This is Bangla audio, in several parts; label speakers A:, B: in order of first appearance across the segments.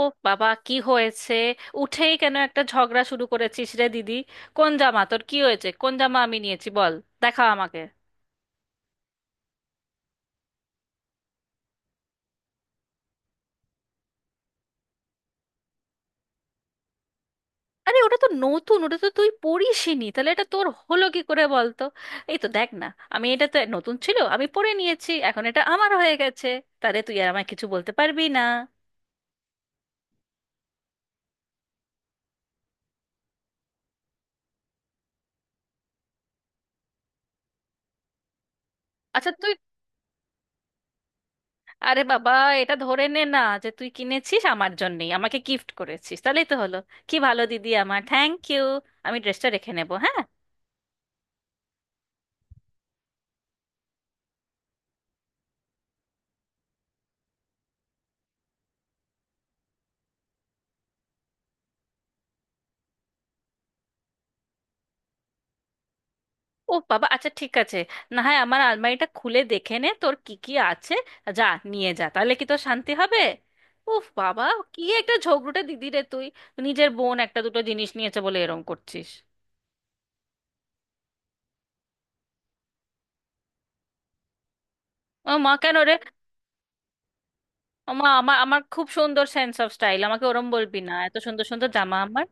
A: ও বাবা, কি হয়েছে? উঠেই কেন একটা ঝগড়া শুরু করেছিস রে দিদি? কোন জামা? তোর কি হয়েছে? কোন জামা আমি নিয়েছি বল, দেখা আমাকে। আরে ওটা তো নতুন, ওটা তো তুই পরিসনি, তাহলে এটা তোর হলো কি করে বল তো। এই তো দেখ না, আমি এটা তো নতুন ছিল, আমি পরে নিয়েছি, এখন এটা আমার হয়ে গেছে। তাহলে তুই আর আমায় কিছু বলতে পারবি না। আচ্ছা তুই, আরে বাবা, এটা ধরে নে না, যে তুই কিনেছিস আমার জন্যই, আমাকে গিফট করেছিস, তাহলেই তো হলো। কি ভালো দিদি আমার, থ্যাংক ইউ। আমি ড্রেসটা রেখে নেবো, হ্যাঁ। ও বাবা, আচ্ছা ঠিক আছে, না হয় আমার আলমারিটা খুলে দেখে নে তোর কি কি আছে, যা নিয়ে যা, তাহলে কি তোর শান্তি হবে? উফ বাবা, কি একটা ঝগড়ুটে দিদি রে তুই, নিজের বোন একটা দুটো জিনিস নিয়েছে বলে এরম করছিস। ও মা, কেন রে? ও মা, আমার আমার খুব সুন্দর সেন্স অফ স্টাইল, আমাকে ওরম বলবি না, এত সুন্দর সুন্দর জামা আমার।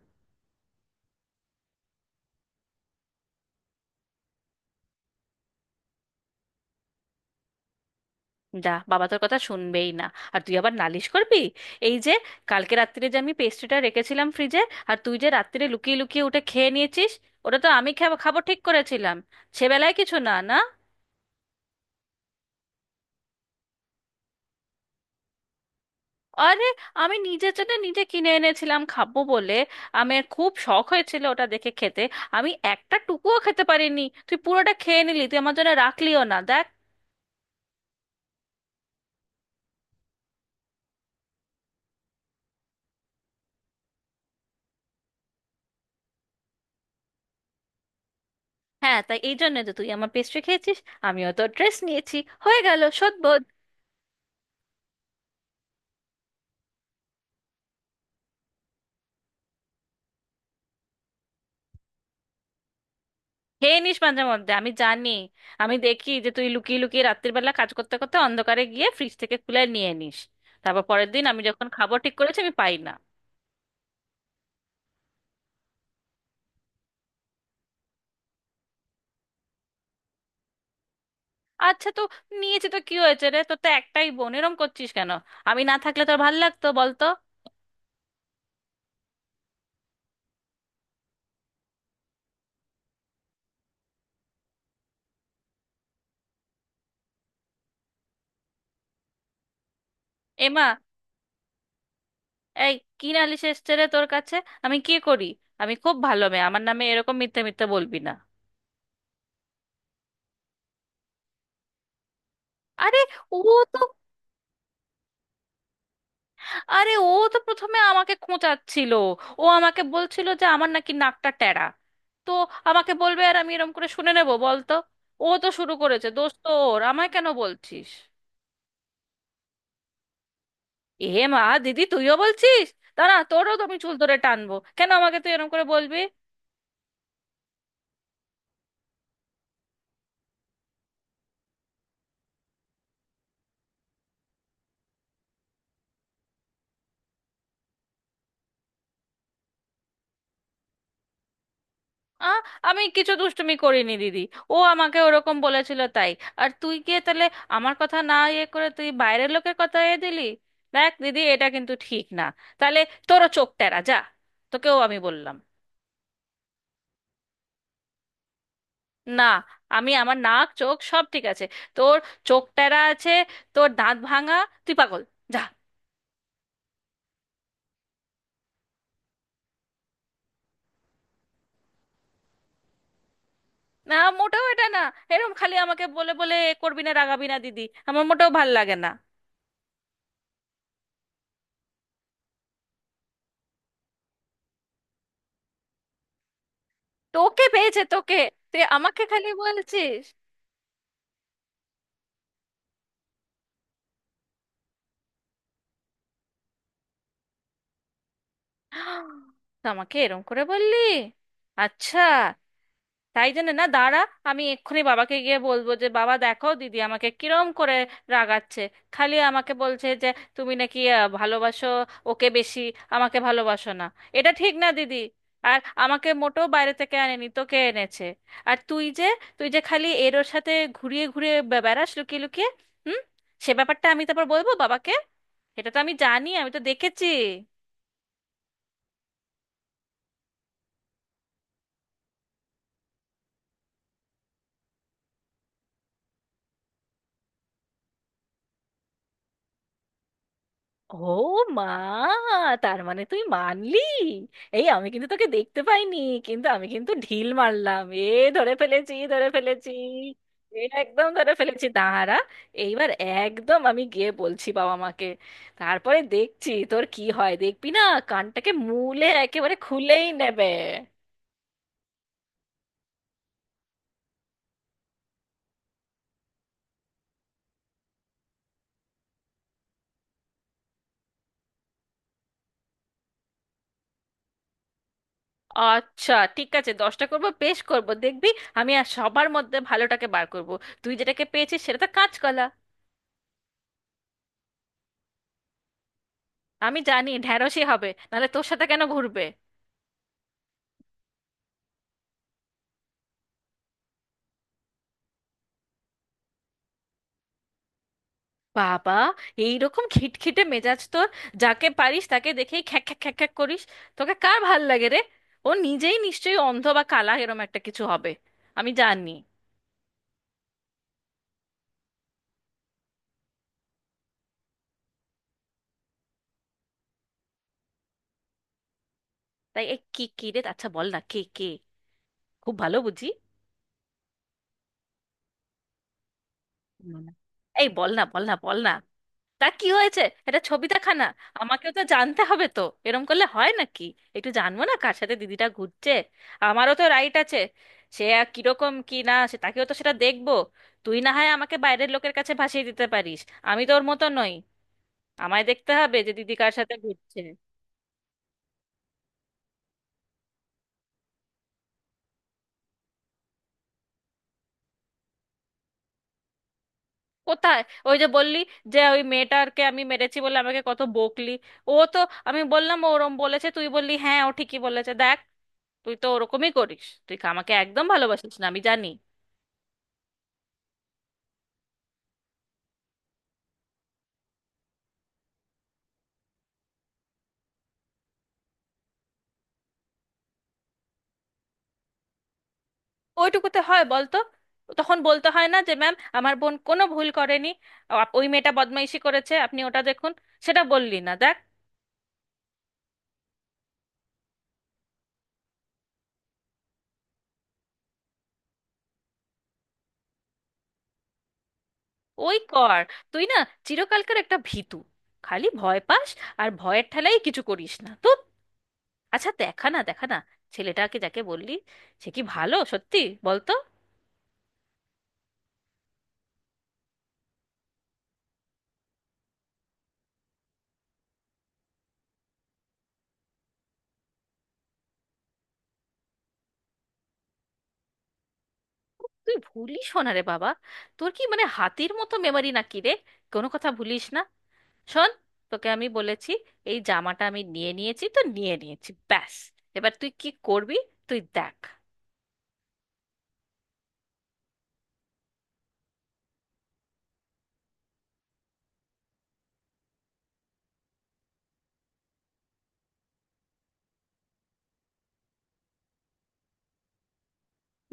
A: যা বাবা, তোর কথা শুনবেই না, আর তুই আবার নালিশ করবি। এই যে কালকে রাত্রিরে যে আমি পেস্ট্রিটা রেখেছিলাম ফ্রিজে, আর তুই যে রাত্রিরে লুকিয়ে লুকিয়ে ওটা খেয়ে নিয়েছিস, ওটা তো আমি খাবো খাবো ঠিক করেছিলাম, সেবেলায় কিছু না না। আরে আমি নিজের জন্য নিজে কিনে এনেছিলাম খাবো বলে, আমার খুব শখ হয়েছিল ওটা দেখে খেতে, আমি একটা টুকুও খেতে পারিনি, তুই পুরোটা খেয়ে নিলি, তুই আমার জন্য রাখলিও না দেখ। হ্যাঁ তাই, এই জন্য যে তুই আমার পেস্ট্রি খেয়েছিস আমিও তো ড্রেস নিয়েছি, হয়ে গেল শোধ। খেয়ে নিস মাঝে মধ্যে আমি জানি, আমি দেখি যে তুই লুকিয়ে লুকিয়ে রাত্রির বেলা কাজ করতে করতে অন্ধকারে গিয়ে ফ্রিজ থেকে খুলে নিয়ে নিস, তারপর পরের দিন আমি যখন খাবো ঠিক করেছি আমি পাই না। আচ্ছা তো নিয়েছি তো কি হয়েছে রে, তোর তো একটাই বোন, এরম করছিস কেন? আমি না থাকলে তোর ভাল লাগতো বলতো? এমা, এই কি নালিশ এসছে রে তোর কাছে? আমি কি করি? আমি খুব ভালো মেয়ে, আমার নামে এরকম মিথ্যে মিথ্যে বলবি না। আরে ও তো আরে ও তো প্রথমে আমাকে খোঁচাচ্ছিল, ও আমাকে বলছিল যে আমার নাকি নাকটা টেরা, তো আমাকে বলবে আর আমি এরম করে শুনে নেব বলতো? ও তো শুরু করেছে, দোষ তো ওর, আমায় কেন বলছিস? এ মা দিদি, তুইও বলছিস? দাঁড়া, তোরও তো আমি চুল ধরে টানবো, কেন আমাকে তুই এরম করে বলবি? আ আমি কিছু দুষ্টুমি করিনি দিদি, ও আমাকে ওরকম বলেছিল তাই, আর তুই গিয়ে তাহলে আমার কথা না ইয়ে করে তুই বাইরের লোকের কথা এ দিলি। দেখ দিদি, এটা কিন্তু ঠিক না। তাহলে তোরও চোখ টেরা, যা, তোকেও আমি বললাম। না, আমি আমার নাক চোখ সব ঠিক আছে, তোর চোখ টেরা আছে, তোর দাঁত ভাঙা, তুই পাগল, যা। না, মোটেও এটা না, এরম খালি আমাকে বলে বলে এ করবি না, রাগাবি না দিদি, আমার মোটেও ভাল লাগে না। তোকে পেয়েছে, তোকে। তুই আমাকে খালি বলছিস, তা আমাকে এরম করে বললি? আচ্ছা, তাই জন্য না দাঁড়া, আমি এক্ষুনি বাবাকে গিয়ে বলবো যে বাবা দেখো দিদি আমাকে কিরম করে রাগাচ্ছে, খালি আমাকে বলছে যে তুমি নাকি ভালোবাসো ওকে বেশি, আমাকে ভালোবাসো না। এটা ঠিক না দিদি। আর আমাকে মোটেও বাইরে থেকে আনেনি, তোকে এনেছে। আর তুই যে, তুই যে খালি এর ওর সাথে ঘুরিয়ে ঘুরিয়ে বেড়াস লুকিয়ে লুকিয়ে, হুম, সে ব্যাপারটা আমি তারপর বলবো বাবাকে, এটা তো আমি জানি, আমি তো দেখেছি। ও মা, তার মানে তুই মানলি? এই আমি কিন্তু তোকে দেখতে পাইনি, কিন্তু আমি কিন্তু ঢিল মারলাম এ, ধরে ফেলেছি ধরে ফেলেছি! এ একদম ধরে ফেলেছি, দাঁড়া এইবার, একদম আমি গিয়ে বলছি বাবা মাকে, তারপরে দেখছি তোর কি হয়, দেখবি না, কানটাকে মূলে একেবারে খুলেই নেবে। আচ্ছা ঠিক আছে, দশটা করব, বেশ করব, দেখবি, আমি আর সবার মধ্যে ভালোটাকে বার করব, তুই যেটাকে পেয়েছিস সেটা তো কাঁচকলা। আমি জানি ঢ্যাঁড়শই হবে, নাহলে তোর সাথে কেন ঘুরবে? বাবা, এইরকম খিটখিটে মেজাজ তোর, যাকে পারিস তাকে দেখেই খ্যাক খ্যাক খ্যাক খ্যাক করিস, তোকে কার ভাল লাগে রে? ও নিজেই নিশ্চয়ই অন্ধ বা কালা এরম একটা কিছু হবে, আমি জানি। তাই এ কি কি রে, আচ্ছা বল না, কে কে, খুব ভালো বুঝি। হুম। এই বল না, বল না, বল না, তা কি হয়েছে? এটা ছবি দেখা না, আমাকেও তো জানতে হবে তো, এরম করলে হয় নাকি, একটু জানবো না কার সাথে দিদিটা ঘুরছে, আমারও তো রাইট আছে, সে আর কিরকম কি না সে, তাকেও তো সেটা দেখবো। তুই না হয় আমাকে বাইরের লোকের কাছে ভাসিয়ে দিতে পারিস, আমি তো ওর মতো নই, আমায় দেখতে হবে যে দিদি কার সাথে ঘুরছে। কোথায়? ওই যে বললি যে ওই মেয়েটাকে আমি মেরেছি বলে আমাকে কত বকলি, ও তো, আমি বললাম ও ওরম বলেছে, তুই বললি হ্যাঁ ও ঠিকই বলেছে দেখ, তুই তো ওরকমই করিস, তুই আমাকে একদম ভালোবাসিস না আমি জানি। ওইটুকুতে হয় বলতো? তখন বলতে হয় না যে ম্যাম আমার বোন কোনো ভুল করেনি, ওই মেয়েটা বদমাইশি করেছে, আপনি ওটা দেখুন, সেটা বললি না দেখ। ওই কর, তুই না চিরকালকার একটা ভীতু, খালি ভয় পাস, আর ভয়ের ঠেলাই কিছু করিস না তো। আচ্ছা দেখা না, দেখা না, ছেলেটাকে যাকে বললি, সে কি ভালো সত্যি বলতো? তুই ভুলিস না রে বাবা, তোর কি মানে হাতির মতো মেমারি নাকি রে, কোনো কথা ভুলিস না। শোন, তোকে আমি বলেছি, এই জামাটা আমি নিয়ে নিয়েছি তো নিয়ে নিয়েছি, ব্যাস, এবার তুই কি করবি তুই দেখ।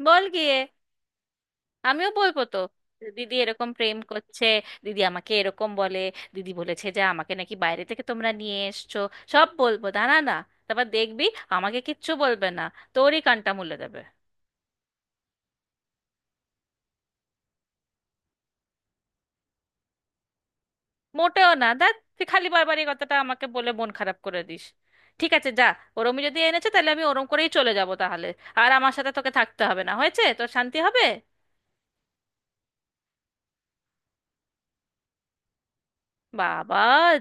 A: বল গিয়ে, আমিও বলবো তো, দিদি এরকম প্রেম করছে, দিদি আমাকে এরকম বলে, দিদি বলেছে যে আমাকে নাকি বাইরে থেকে তোমরা নিয়ে এসছো, সব বলবো দাঁড়া না, তারপর দেখবি, আমাকে কিচ্ছু বলবে না, তোরই কানটা মুলে দেবে। মোটেও না দেখ, তুই খালি বারবার এই কথাটা আমাকে বলে মন খারাপ করে দিস। ঠিক আছে যা, ওরমই যদি এনেছে তাহলে আমি ওরম করেই চলে যাব তাহলে, আর আমার সাথে তোকে থাকতে হবে না, হয়েছে, তোর শান্তি হবে। বাবা,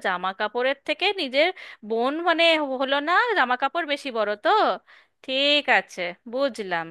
A: জামা কাপড়ের থেকে নিজের বোন মানে হলো না, জামা কাপড় বেশি বড় তো। ঠিক আছে, বুঝলাম।